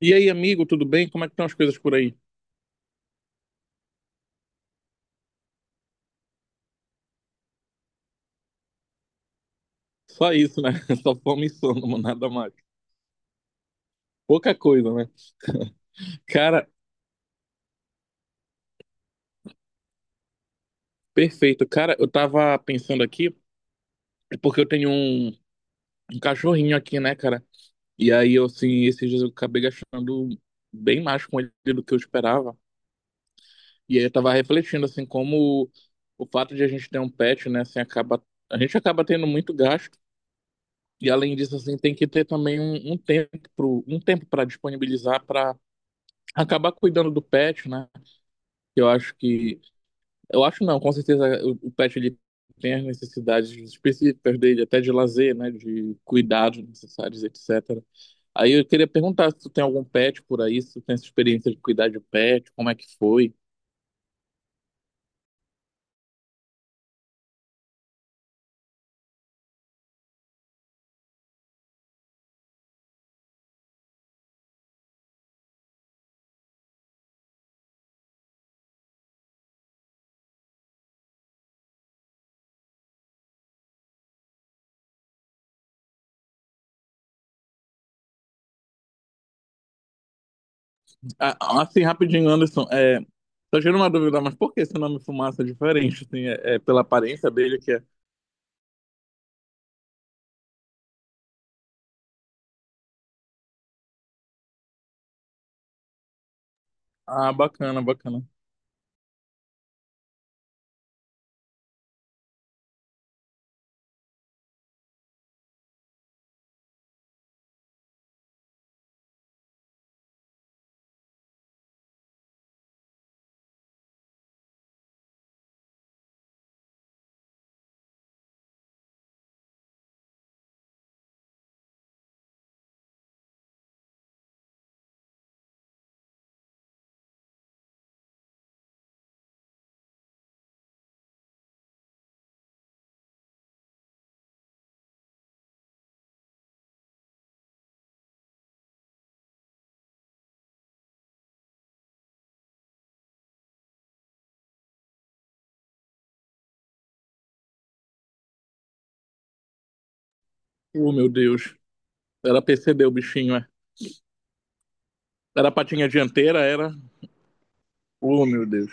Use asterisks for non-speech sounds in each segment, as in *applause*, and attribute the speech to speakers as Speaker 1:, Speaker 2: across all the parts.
Speaker 1: E aí, amigo, tudo bem? Como é que estão as coisas por aí? Só isso, né? *laughs* Só fome e sono, mano, nada mais. Pouca coisa, né? Cara, perfeito. Cara, eu tava pensando aqui, é porque um cachorrinho aqui, né, cara? E aí, eu, assim, esses dias eu acabei gastando bem mais com ele do que eu esperava. E aí eu tava refletindo, assim, como o fato de a gente ter um pet, né, assim, acaba. A gente acaba tendo muito gasto. E além disso, assim, tem que ter também um tempo um tempo para disponibilizar para acabar cuidando do pet, né? Eu acho que. Eu acho não, com certeza o pet ele tem as necessidades específicas dele, até de lazer, né? De cuidados necessários, etc. Aí eu queria perguntar se tu tem algum pet por aí, se tu tem essa experiência de cuidar de pet, como é que foi? Ah, assim, rapidinho, Anderson, tô tirando uma dúvida, mas por que esse nome Fumaça é diferente? Assim, é pela aparência dele que é... Ah, bacana, bacana. Oh, meu Deus. Era PCD o bichinho, é. Era a patinha dianteira, era... Oh, meu Deus.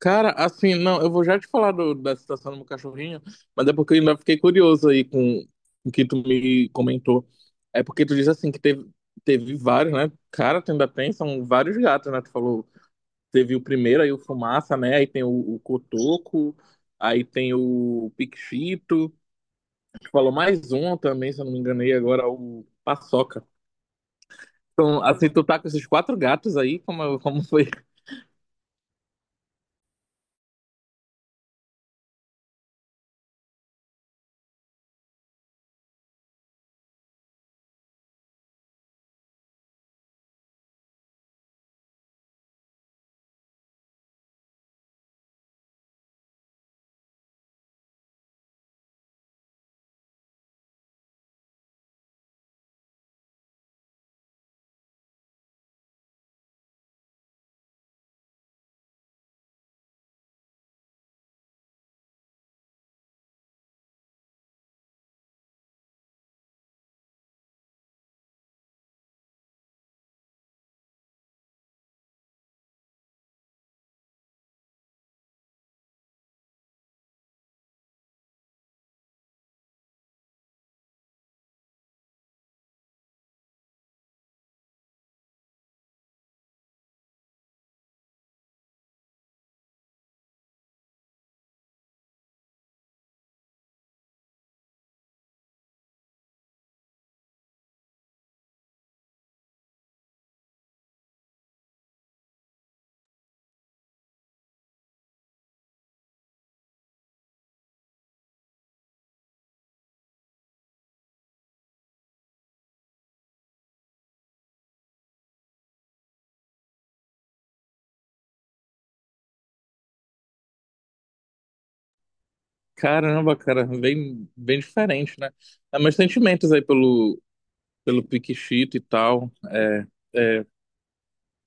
Speaker 1: Cara, assim, não, eu vou já te falar da situação do meu cachorrinho, mas é porque eu ainda fiquei curioso aí com o que tu me comentou. É porque tu diz assim que teve, teve vários, né? Cara, tu ainda tem, são vários gatos, né? Tu falou, teve o primeiro, aí o Fumaça, né? Aí tem o Cotoco, aí tem o Piquito, tu falou mais um também, se eu não me enganei, agora o Paçoca. Então, assim, tu tá com esses quatro gatos aí, como foi? Caramba, cara, bem diferente, né? Ah, mas sentimentos aí pelo Piquixito e tal. É, é,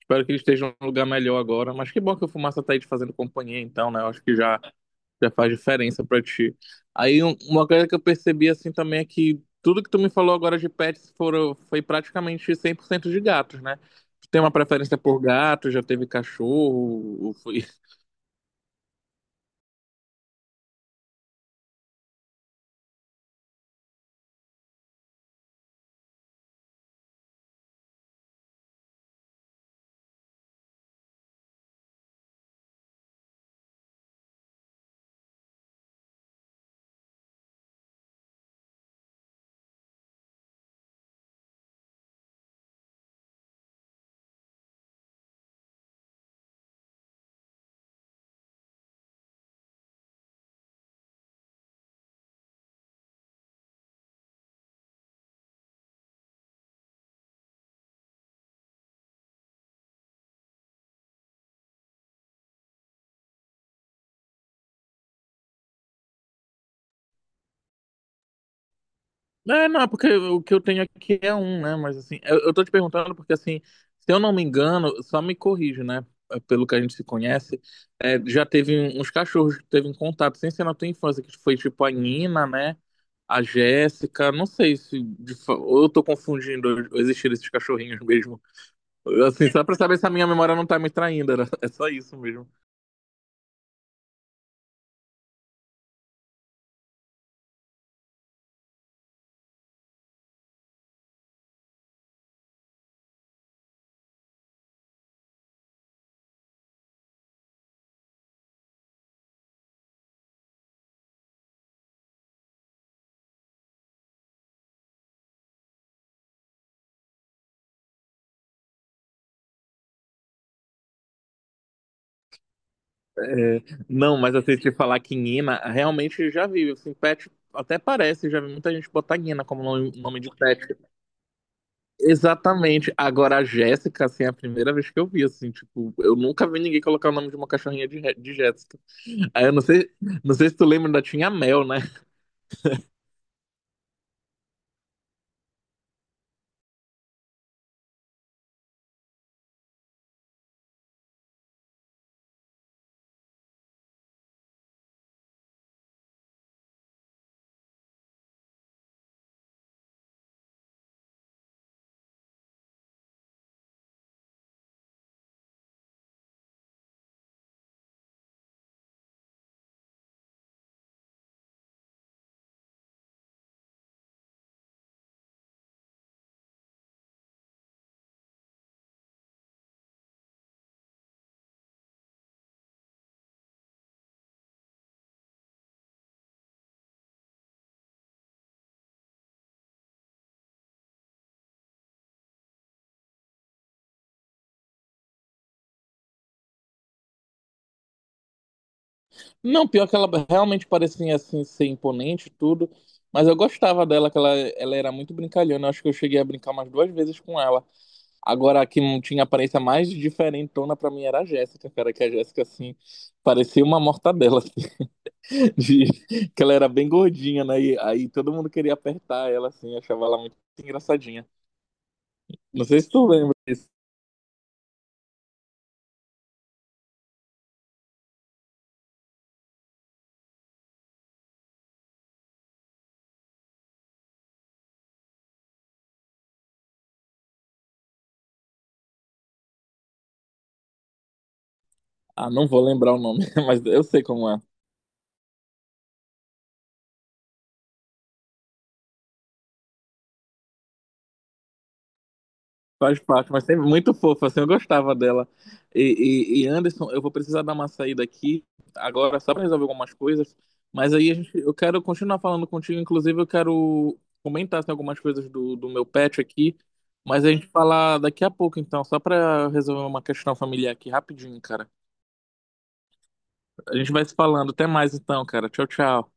Speaker 1: espero que ele esteja em um lugar melhor agora. Mas que bom que o Fumaça tá aí te fazendo companhia, então, né? Eu acho que já, já faz diferença pra ti. Aí uma coisa que eu percebi assim também é que tudo que tu me falou agora de pets foi praticamente 100% de gatos, né? Tu tem uma preferência por gato, já teve cachorro, ou foi, é, não, porque o que eu tenho aqui é um, né? Mas assim, eu tô te perguntando porque assim, se eu não me engano, só me corrijo, né? Pelo que a gente se conhece, já teve uns cachorros que teve um contato, sem ser na tua infância, que foi tipo a Nina, né? A Jéssica, não sei se ou eu tô confundindo ou esses cachorrinhos mesmo. Assim, só pra saber se a minha memória não tá me traindo, é só isso mesmo. É, não, mas assim, te falar que Nina, realmente já vi, assim, pet até parece, já vi muita gente botar Nina como nome, nome de pet. Exatamente. Agora a Jéssica, assim, é a primeira vez que eu vi, assim, tipo, eu nunca vi ninguém colocar o nome de uma cachorrinha de, de Jéssica. Aí eu não sei, não sei se tu lembra, ainda tinha a Mel, né? Não, pior que ela realmente parecia, assim, ser imponente e tudo, mas eu gostava dela, que ela era muito brincalhona, eu acho que eu cheguei a brincar umas duas vezes com ela. Agora, a que tinha aparência mais diferentona pra mim era a Jéssica, cara, que a Jéssica, assim, parecia uma mortadela, assim, *laughs* de... que ela era bem gordinha, né? E aí todo mundo queria apertar ela, assim, achava ela muito engraçadinha. Não sei se tu lembra disso. Ah, não vou lembrar o nome, *laughs* mas eu sei como é. Faz parte, mas sempre muito fofa, assim, eu gostava dela. Anderson, eu vou precisar dar uma saída aqui agora só para resolver algumas coisas, mas aí a gente, eu quero continuar falando contigo, inclusive eu quero comentar assim, algumas coisas do meu pet aqui, mas a gente falar daqui a pouco então, só para resolver uma questão familiar aqui rapidinho, cara. A gente vai se falando, até mais então, cara. Tchau, tchau.